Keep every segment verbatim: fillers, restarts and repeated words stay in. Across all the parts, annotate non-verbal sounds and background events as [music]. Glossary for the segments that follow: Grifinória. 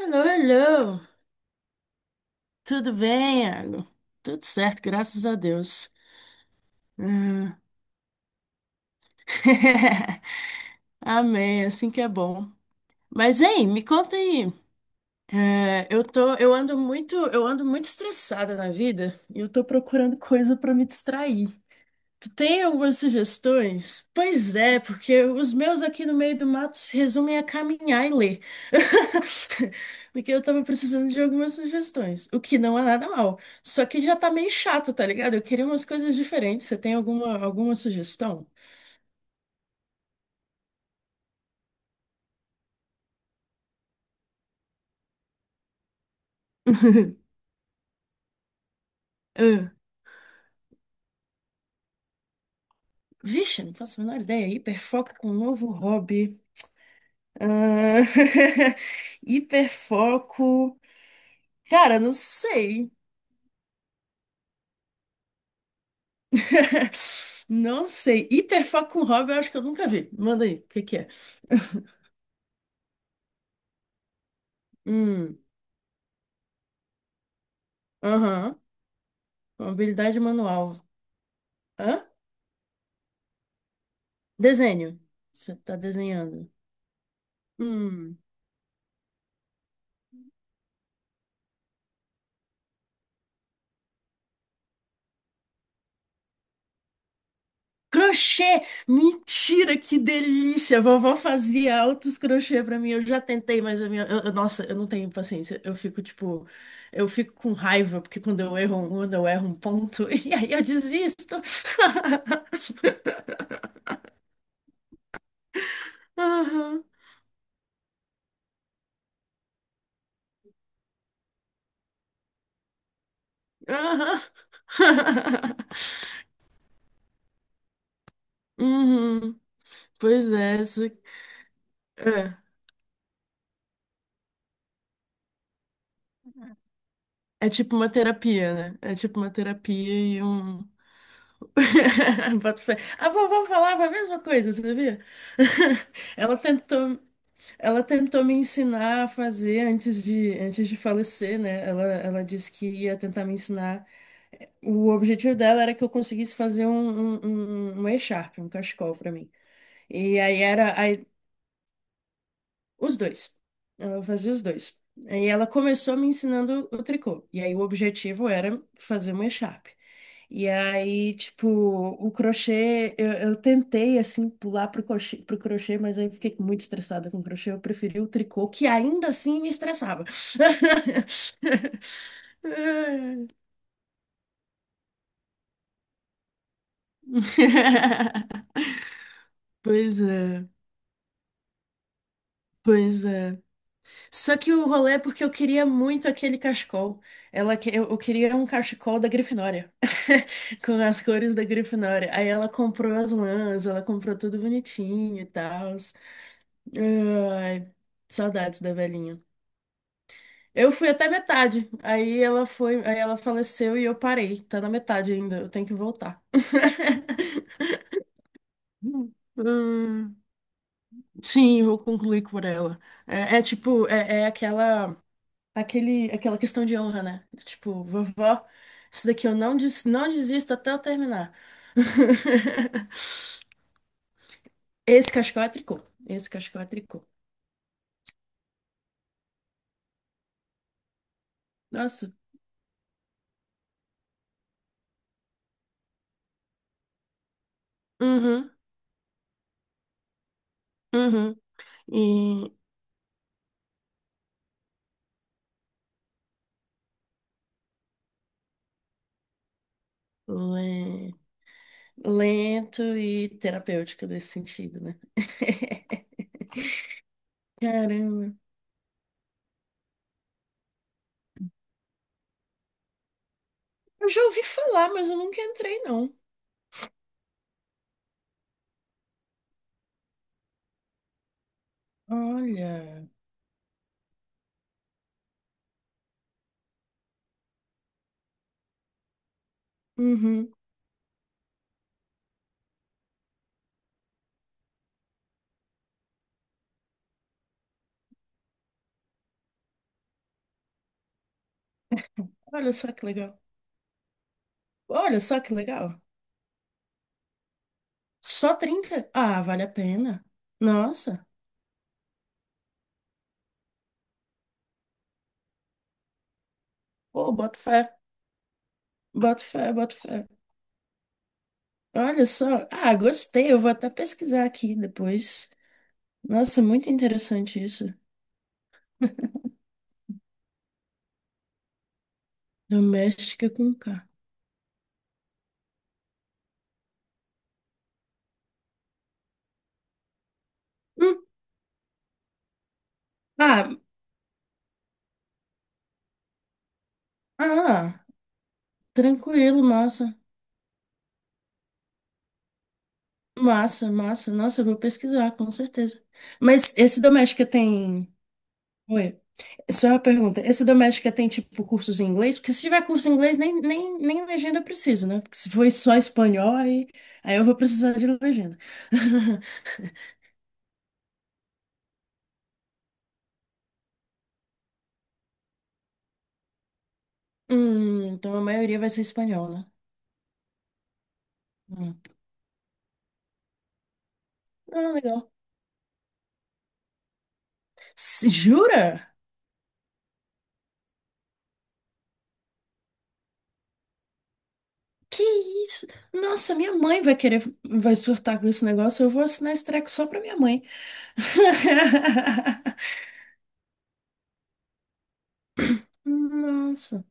Alô, alô. Tudo bem, Iago? Tudo certo, graças a Deus. Hum. [laughs] Amém, é assim que é bom. Mas, hein, me conta aí. É, eu tô, eu ando muito, eu ando muito estressada na vida e eu tô procurando coisa pra me distrair. Tu tem algumas sugestões? Pois é, porque os meus aqui no meio do mato se resumem a caminhar e ler. [laughs] Porque eu tava precisando de algumas sugestões, o que não é nada mal. Só que já tá meio chato, tá ligado? Eu queria umas coisas diferentes. Você tem alguma, alguma sugestão? [laughs] Ah, vixe, não faço a menor ideia. Hiperfoco com um novo hobby. Ah, [laughs] hiperfoco. Cara, não sei. [laughs] Não sei. Hiperfoco com hobby, eu acho que eu nunca vi. Manda aí, o que que é? [laughs] Hum, aham. Habilidade manual. Hã? Desenho. Você tá desenhando. Hum. Crochê! Mentira, que delícia! A vovó fazia altos crochê pra mim. Eu já tentei, mas a minha. eu- eu- nossa, eu não tenho paciência. Eu fico, tipo. Eu fico com raiva, porque quando eu erro, um- quando eu erro um ponto, [laughs] e aí eu desisto. [laughs] Aham. Aham. [laughs] Uhum. Pois é, isso- é, é tipo uma terapia, né? É tipo uma terapia e um. [laughs] Boto fé. A vovó falava a mesma coisa, você sabia? [laughs] Ela tentou, ela tentou me ensinar a fazer antes de, antes de falecer, né? Ela, ela disse que ia tentar me ensinar. O objetivo dela era que eu conseguisse fazer um, um, um, um echarpe, um cachecol pra mim. E aí era. Os dois. Ela fazia os dois. Aí ela começou me ensinando o tricô. E aí o objetivo era fazer uma echarpe. E aí, tipo, o crochê, eu, eu tentei, assim, pular pro crochê, pro crochê, mas aí eu fiquei muito estressada com o crochê. Eu preferi o tricô, que ainda assim me estressava. [laughs] Pois é, pois é. Só que o rolê é porque eu queria muito aquele cachecol. Ela, que- eu, eu queria um cachecol da Grifinória, [laughs] com as cores da Grifinória. Aí ela comprou as lãs, ela comprou tudo bonitinho e tal. Ai, saudades da velhinha. Eu fui até metade. Aí ela foi, aí ela faleceu e eu parei. Tá na metade ainda, eu tenho que voltar. [laughs] Hum, sim, vou concluir por ela. É, é tipo, é, é aquela. aquele, aquela questão de honra, né? Tipo, vovó, isso daqui eu não, des, não desisto até eu terminar. [laughs] Esse cachecol é tricô. Esse cachecol é tricô. Nossa. Uhum, uhum. E le- lento e terapêutico nesse sentido, né? [laughs] Caramba. Eu já ouvi falar, mas eu nunca entrei, não. Olha. Uhum. Olha só que legal. Olha só que legal. Só trinta? Ah, vale a pena. Nossa. Pô, boto fé, boto fé, boto fé. Olha só. Ah, gostei. Eu vou até pesquisar aqui depois. Nossa, muito interessante isso. Doméstica com K. Hum, ah, ah, tranquilo, massa. Massa, massa. Nossa, eu vou pesquisar, com certeza. Mas esse doméstica tem. Oi. Só uma pergunta, esse Doméstica tem, tipo, cursos em inglês? Porque se tiver curso em inglês, nem, nem, nem legenda eu preciso, né? Porque se for só espanhol, aí, aí eu vou precisar de legenda. [laughs] Hum, então a maioria vai ser espanhol, né? Hum. Ah, legal. S- Jura? Que isso? Nossa, minha mãe vai querer, vai surtar com esse negócio, eu vou assinar esse treco só pra minha mãe. [laughs] Nossa.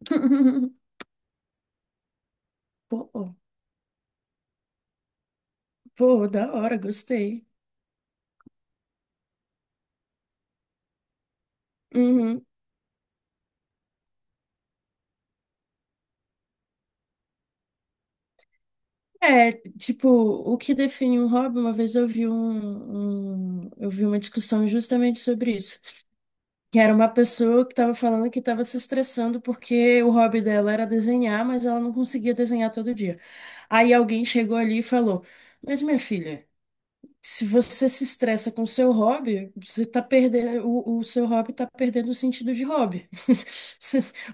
[laughs] Pô, pô, da hora, gostei. Uhum. É, tipo, o que define um hobby, uma vez eu vi um, um- eu vi uma discussão justamente sobre isso. Que era uma pessoa que estava falando que estava se estressando porque o hobby dela era desenhar, mas ela não conseguia desenhar todo dia. Aí alguém chegou ali e falou: mas minha filha. Se você se estressa com seu hobby, você tá perdendo, o, o seu hobby tá perdendo o sentido de hobby. [laughs]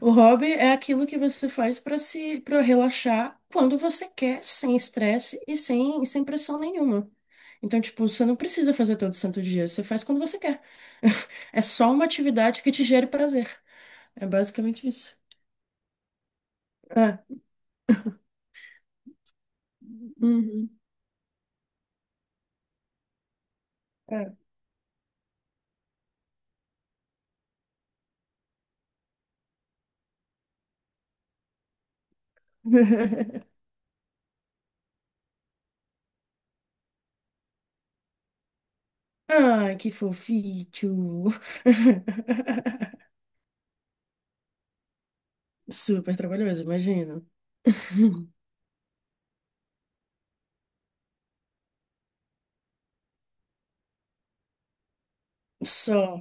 O hobby é aquilo que você faz para se, para relaxar quando você quer, sem estresse e sem, e sem pressão nenhuma. Então, tipo, você não precisa fazer todo santo dia, você faz quando você quer. [laughs] É só uma atividade que te gere prazer. É basicamente isso. É. Uhum. É. [laughs] Ai, que fofinho. [laughs] Super trabalhoso, imagino. [laughs] Só.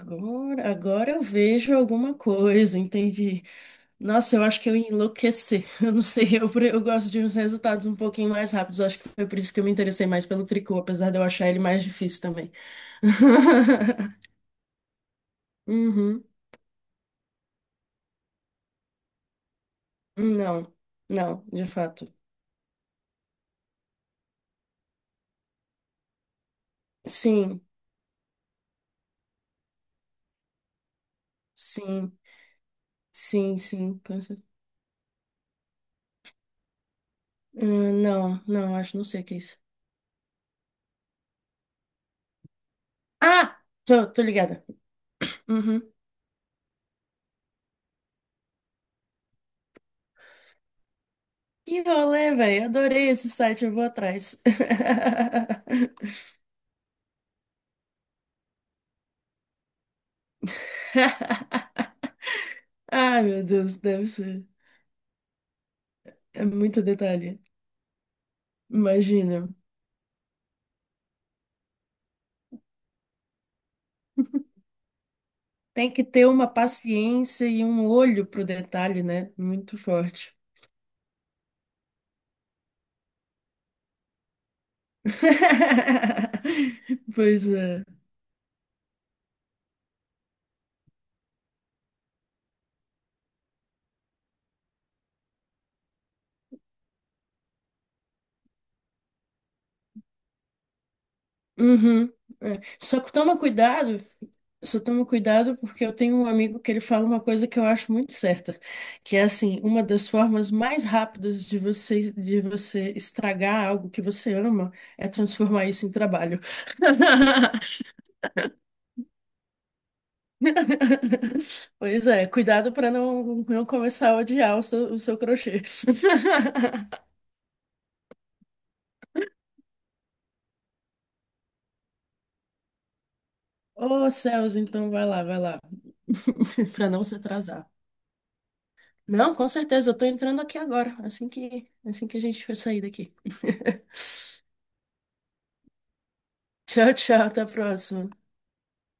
Agora, agora eu vejo alguma coisa, entendi. Nossa, eu acho que eu ia enlouquecer. [laughs] Eu não sei, eu, pre- eu gosto de uns resultados um pouquinho mais rápidos. Eu acho que foi por isso que eu me interessei mais pelo tricô, apesar de eu achar ele mais difícil também. [laughs] Uhum. Não, não, de fato. Sim, sim, sim, sim. com cer- Ah, não, não, acho, não sei o que é isso. Ah, tô, tô ligada. Uhum. Que rolê, velho. Adorei esse site, eu vou atrás. [laughs] Ah, meu Deus, deve ser. É muito detalhe. Imagina. Tem que ter uma paciência e um olho pro detalhe, né? Muito forte. [laughs] Pois é. Uhum. É. Só que toma cuidado, só toma cuidado porque eu tenho um amigo que ele fala uma coisa que eu acho muito certa, que é assim, uma das formas mais rápidas de você de você estragar algo que você ama é transformar isso em trabalho. [laughs] Pois é, cuidado para não, não começar a odiar o seu, o seu crochê. [laughs] Ô, Celso então vai lá, vai lá, [laughs] para não se atrasar. Não, com certeza, eu tô entrando aqui agora, assim que, assim que a gente for sair daqui. [laughs] Tchau, tchau, até a próxima.